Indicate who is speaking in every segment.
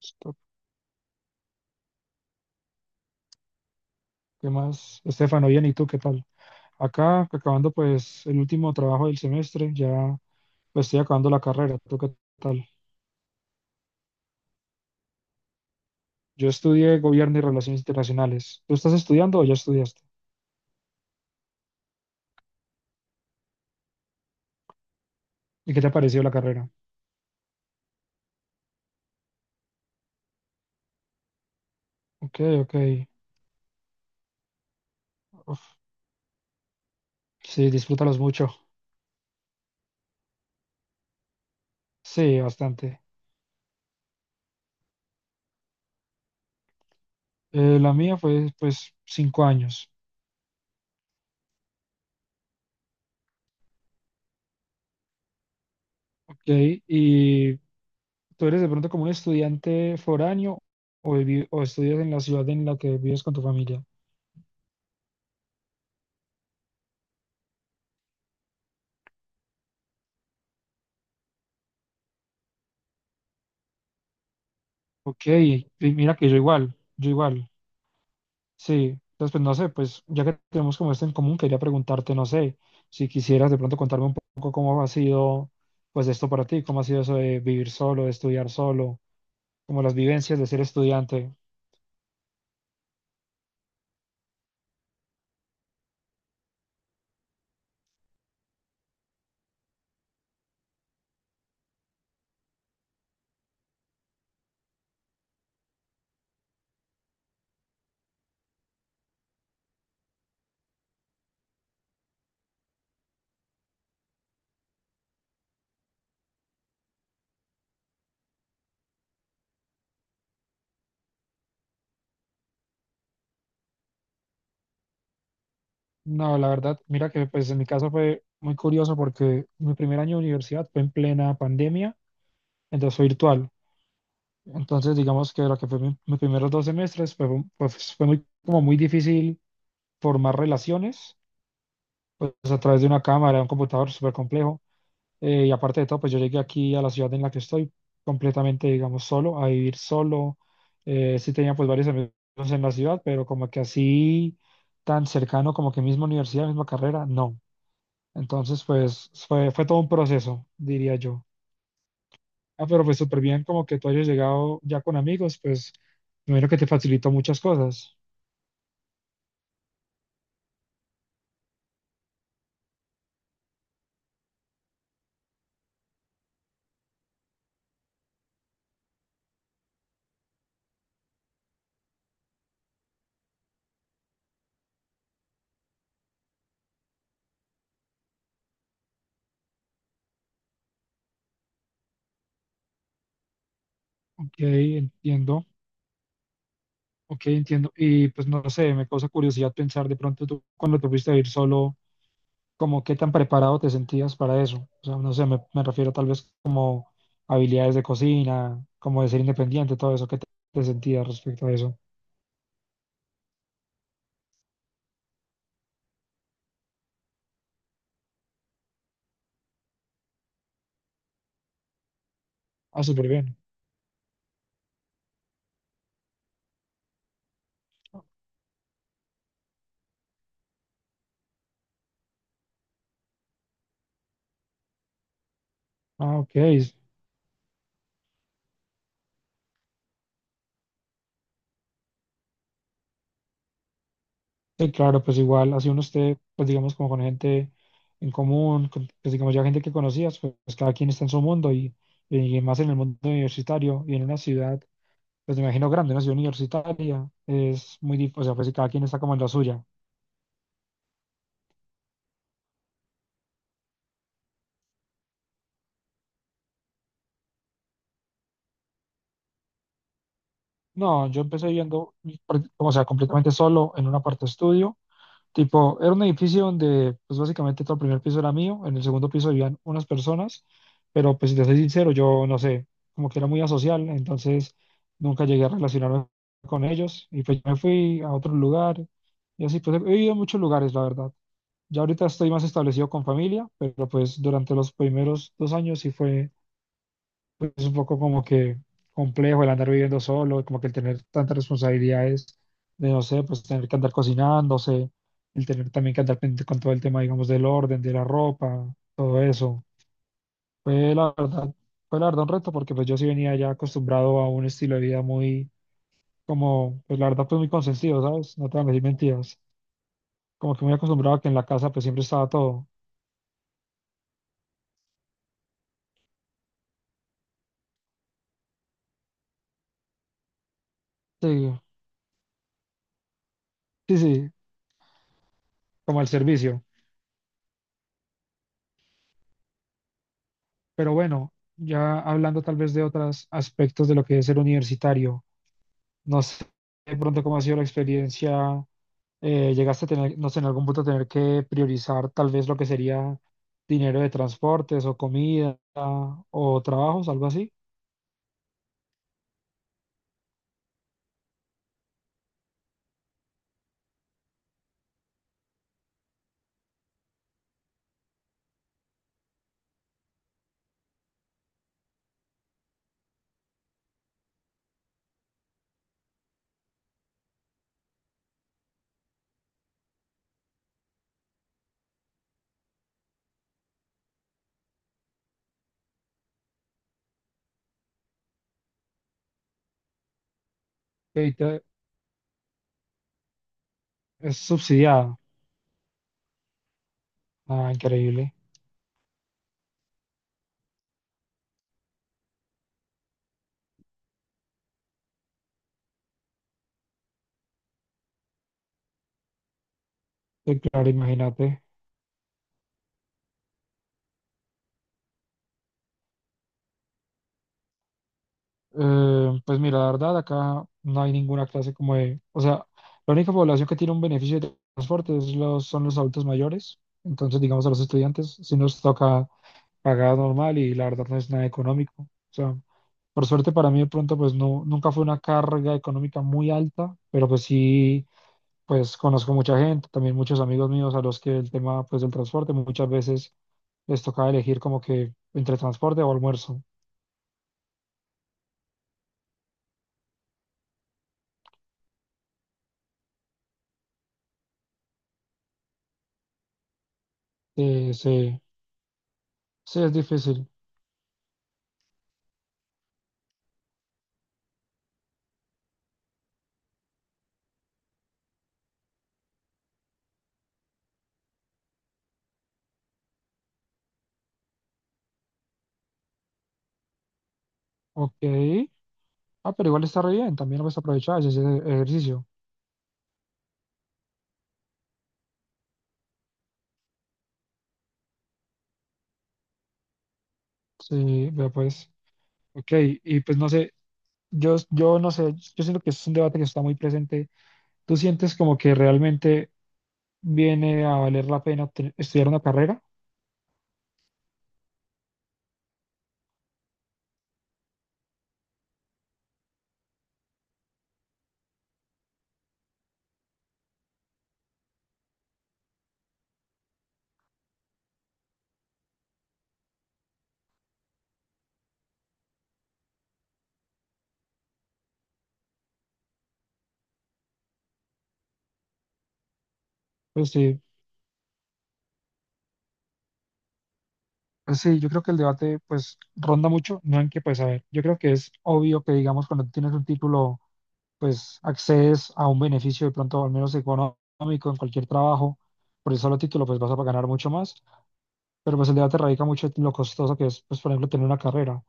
Speaker 1: Listo. ¿Qué más? Estefano, bien, ¿y tú qué tal? Acá, acabando pues el último trabajo del semestre, ya pues estoy acabando la carrera. ¿Tú qué tal? Yo estudié Gobierno y Relaciones Internacionales. ¿Tú estás estudiando o ya estudiaste? ¿Y qué te ha parecido la carrera? Ok, ok. Uf, sí, disfrútalos mucho. Sí, bastante. La mía fue pues 5 años. Ok, ¿y tú eres de pronto como un estudiante foráneo o, o estudias en la ciudad en la que vives con tu familia? Ok, y mira que yo igual, sí. Entonces, pues no sé, pues ya que tenemos como esto en común, quería preguntarte, no sé, si quisieras de pronto contarme un poco cómo ha sido, pues esto para ti, cómo ha sido eso de vivir solo, de estudiar solo, como las vivencias de ser estudiante. No, la verdad, mira que pues en mi caso fue muy curioso porque mi primer año de universidad fue en plena pandemia, entonces fue virtual. Entonces, digamos que lo que mis primeros 2 semestres, pues fue muy, como muy difícil formar relaciones pues a través de una cámara, de un computador súper complejo. Y aparte de todo, pues yo llegué aquí a la ciudad en la que estoy completamente, digamos, solo, a vivir solo. Sí tenía pues varios amigos en la ciudad, pero como que así tan cercano, como que misma universidad, misma carrera, no. Entonces pues fue todo un proceso, diría yo. Ah, pero pues súper bien como que tú hayas llegado ya con amigos, pues primero que te facilitó muchas cosas. Ok, entiendo. Ok, entiendo. Y pues no sé, me causa curiosidad pensar de pronto tú cuando te fuiste a ir solo, como qué tan preparado te sentías para eso. O sea, no sé, me refiero tal vez como habilidades de cocina, como de ser independiente, todo eso, ¿qué te sentías respecto a eso? Ah, súper bien. Ah, ok. Sí, claro, pues igual, así uno esté, pues digamos, como con gente en común, pues digamos ya gente que conocías, pues cada quien está en su mundo y más en el mundo universitario y en una ciudad pues me imagino grande, una ciudad universitaria, es muy difícil, o sea, pues si cada quien está como en la suya. No, yo empecé viviendo, o sea, completamente solo en un aparto estudio, tipo, era un edificio donde, pues básicamente todo el primer piso era mío, en el segundo piso vivían unas personas, pero pues si te soy sincero, yo no sé, como que era muy asocial, entonces nunca llegué a relacionarme con ellos, y pues me fui a otro lugar, y así, pues he vivido en muchos lugares, la verdad. Ya ahorita estoy más establecido con familia, pero pues durante los primeros 2 años sí fue pues, es un poco como que complejo el andar viviendo solo, como que el tener tantas responsabilidades de, no sé, pues tener que andar cocinándose, el tener también que andar pendiente con todo el tema, digamos, del orden, de la ropa, todo eso. Fue la verdad, fue la verdad un reto porque pues yo sí venía ya acostumbrado a un estilo de vida muy, como, pues la verdad, pues muy consentido, ¿sabes? No te van a decir mentiras. Como que muy acostumbrado a que en la casa pues siempre estaba todo. Sí, sí, sí, como al servicio. Pero bueno, ya hablando tal vez de otros aspectos de lo que es ser universitario, no sé de pronto cómo ha sido la experiencia, llegaste a tener, no sé, en algún punto tener que priorizar tal vez lo que sería dinero de transportes o comida o trabajos, algo así, que ahorita es subsidiado. Ah, increíble. Sí, claro, imagínate. Pues mira, la verdad, acá no hay ninguna clase como de, o sea, la única población que tiene un beneficio de transporte es los, son los adultos mayores, entonces digamos a los estudiantes, si nos toca pagar normal y la verdad no es nada económico. O sea, por suerte para mí de pronto pues no, nunca fue una carga económica muy alta, pero pues sí, pues conozco mucha gente, también muchos amigos míos a los que el tema pues del transporte muchas veces les tocaba elegir como que entre transporte o almuerzo. Eh, se- sí es difícil. Ok. Ah, pero igual está re bien, también lo puedes aprovechar, ese ejercicio. Sí, vea pues. Ok, y pues no sé, yo siento que es un debate que está muy presente. ¿Tú sientes como que realmente viene a valer la pena estudiar una carrera? Pues sí, pues sí, yo creo que el debate pues ronda mucho, no en que pues a ver, yo creo que es obvio que digamos cuando tienes un título pues accedes a un beneficio de pronto al menos económico en cualquier trabajo, por el solo título pues vas a ganar mucho más. Pero pues el debate radica mucho en lo costoso que es, pues por ejemplo, tener una carrera.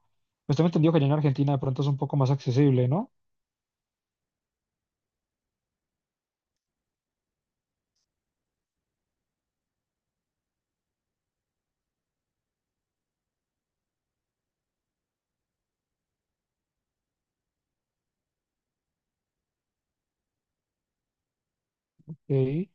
Speaker 1: Pues tengo entendido que allá en Argentina de pronto es un poco más accesible, ¿no? Sí,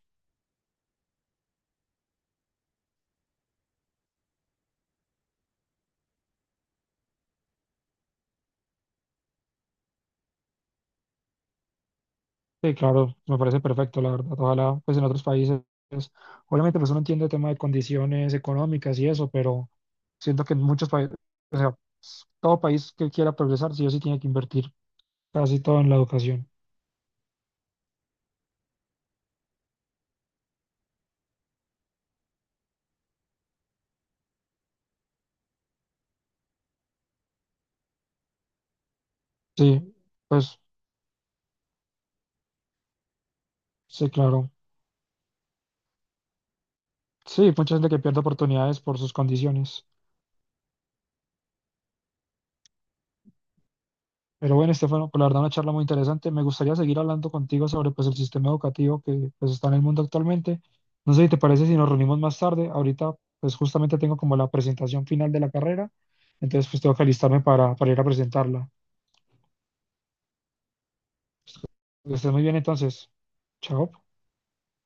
Speaker 1: sí, claro, me parece perfecto, la verdad. Ojalá, pues en otros países, pues, obviamente pues uno entiende el tema de condiciones económicas y eso, pero siento que en muchos países, o sea, pues, todo país que quiera progresar, sí o sí tiene que invertir casi todo en la educación. Sí, pues sí, claro. Sí, mucha gente que pierde oportunidades por sus condiciones. Pero bueno, Estefano, pues la verdad una charla muy interesante. Me gustaría seguir hablando contigo sobre pues el sistema educativo que pues está en el mundo actualmente. No sé si te parece si nos reunimos más tarde. Ahorita pues justamente tengo como la presentación final de la carrera, entonces pues tengo que alistarme para ir a presentarla. Que estés muy bien entonces. Chao.